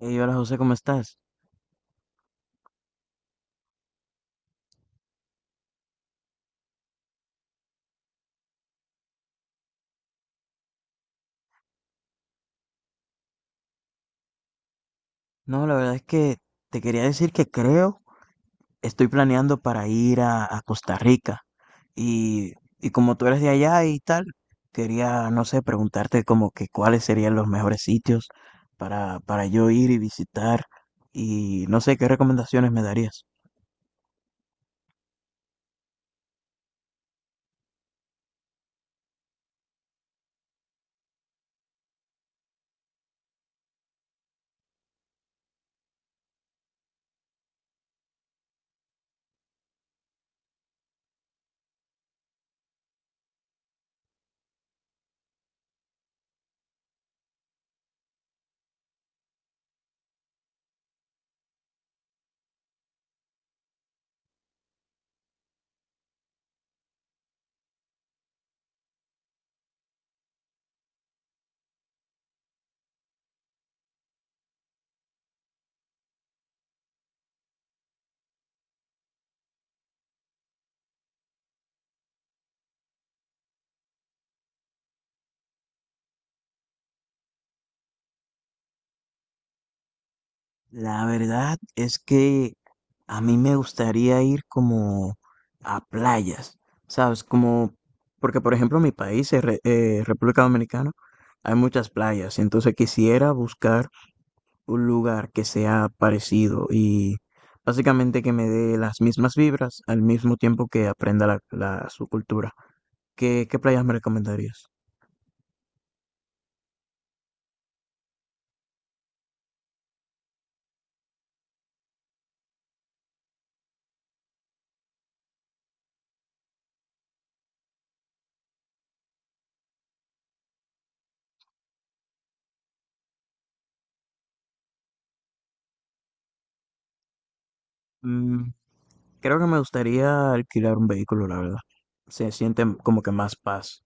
Hey, hola José, ¿cómo estás? No, la verdad es que te quería decir que creo, estoy planeando para ir a Costa Rica y, y como tú eres de allá y tal, quería, no sé, preguntarte como que cuáles serían los mejores sitios para yo ir y visitar y no sé qué recomendaciones me darías. La verdad es que a mí me gustaría ir como a playas, ¿sabes? Como, porque por ejemplo mi país, es República Dominicana, hay muchas playas, entonces quisiera buscar un lugar que sea parecido y básicamente que me dé las mismas vibras al mismo tiempo que aprenda su cultura. ¿Qué, qué playas me recomendarías? Mm, creo que me gustaría alquilar un vehículo, la verdad. Se siente como que más paz.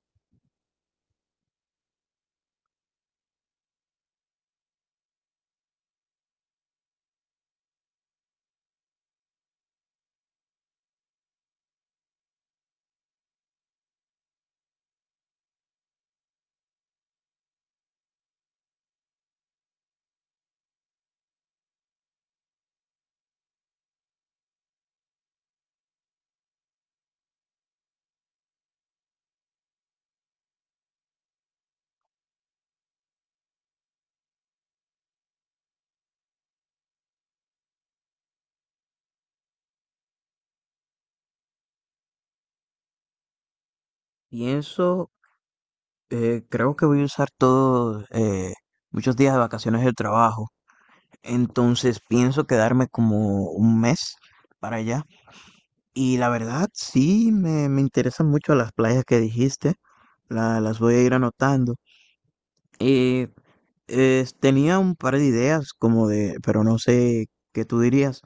Pienso, creo que voy a usar todos muchos días de vacaciones del trabajo. Entonces pienso quedarme como un mes para allá. Y la verdad, sí, me interesan mucho las playas que dijiste. La- las voy a ir anotando. Eh, Tenía un par de ideas como de, pero no sé qué tú dirías.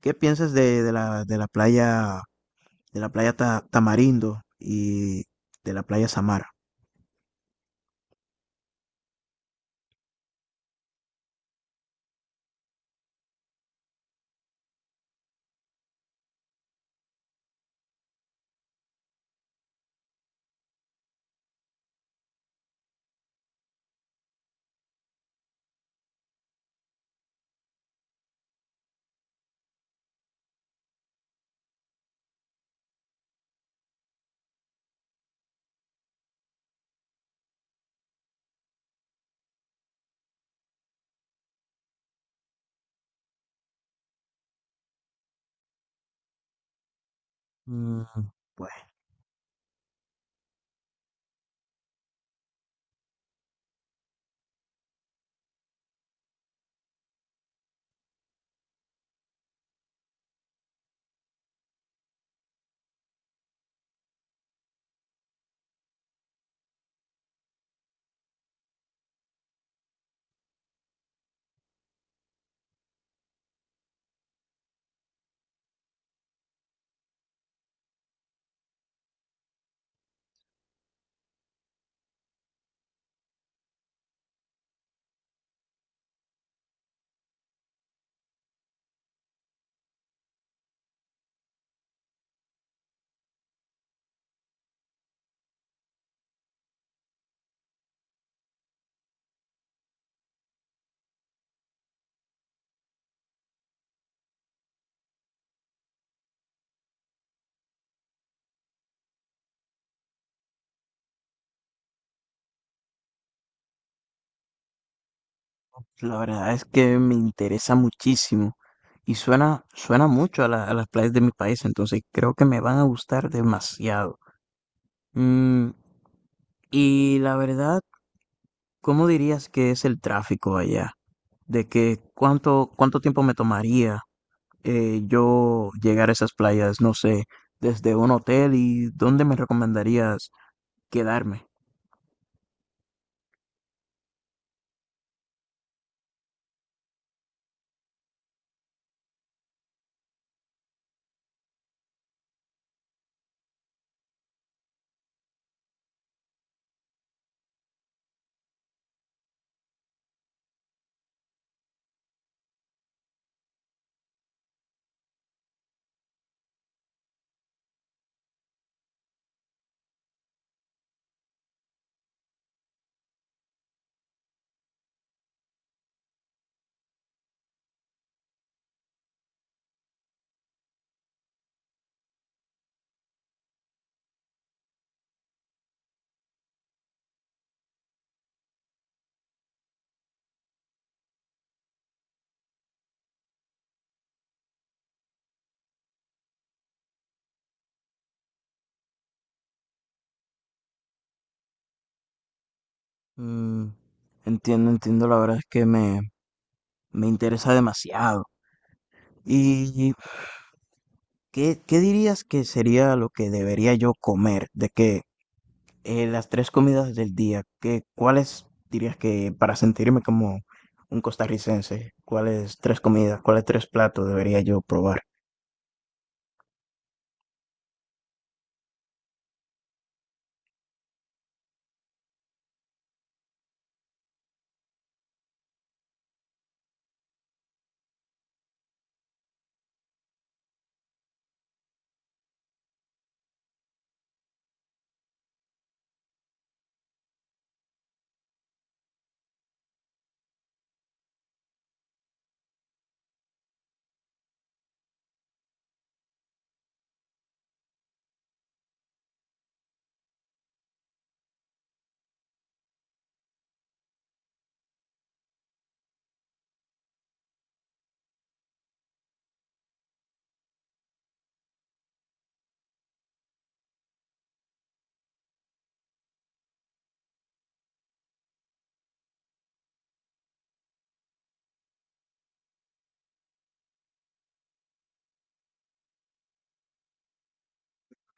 ¿Qué piensas de la playa Tamarindo y de la playa Samara? Mm, pues la verdad es que me interesa muchísimo y suena, suena mucho a, a las playas de mi país, entonces creo que me van a gustar demasiado. Mm, y la verdad, ¿cómo dirías que es el tráfico allá? ¿De que cuánto, cuánto tiempo me tomaría yo llegar a esas playas? No sé, ¿desde un hotel y dónde me recomendarías quedarme? Mm, entiendo, entiendo, la verdad es que me interesa demasiado. Y ¿qué, qué dirías que sería lo que debería yo comer? De que las tres comidas del día, ¿qué, cuáles dirías que para sentirme como un costarricense, cuáles tres comidas, cuáles tres platos debería yo probar?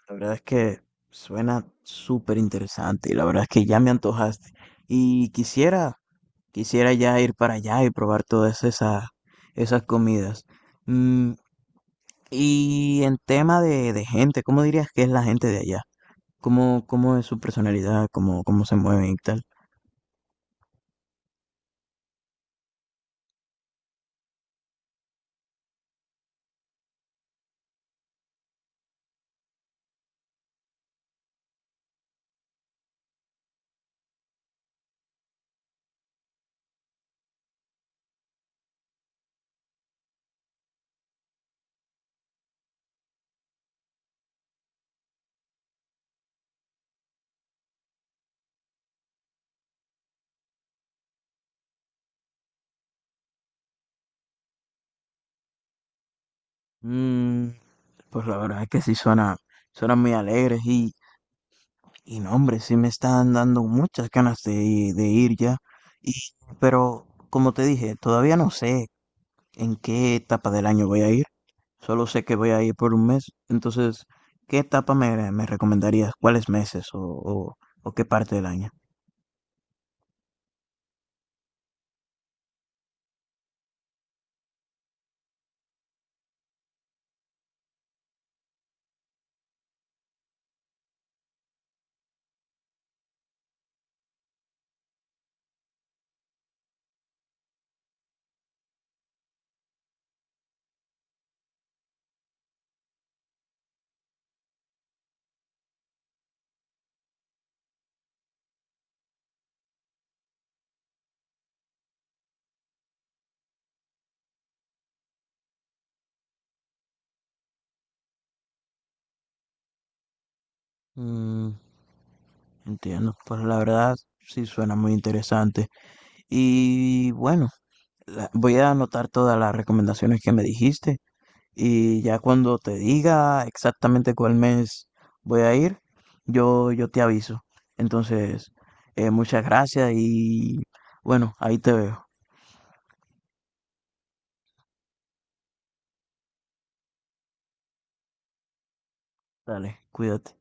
La verdad es que suena súper interesante y la verdad es que ya me antojaste y quisiera, quisiera ya ir para allá y probar todas esas, esas comidas. Mm, y en tema de gente, ¿cómo dirías que es la gente de allá? ¿Cómo, cómo es su personalidad, cómo, cómo se mueve y tal? Mm, pues la verdad es que sí suena, suena muy alegres y no, hombre, sí me están dando muchas ganas de ir ya. Y, pero como te dije, todavía no sé en qué etapa del año voy a ir. Solo sé que voy a ir por un mes. Entonces, ¿qué etapa me recomendarías? ¿Cuáles meses o qué parte del año? Mm, entiendo, pues la verdad sí suena muy interesante. Y bueno, la- voy a anotar todas las recomendaciones que me dijiste y ya cuando te diga exactamente cuál mes voy a ir, yo te aviso. Entonces, muchas gracias y bueno, ahí te veo. Dale, cuídate.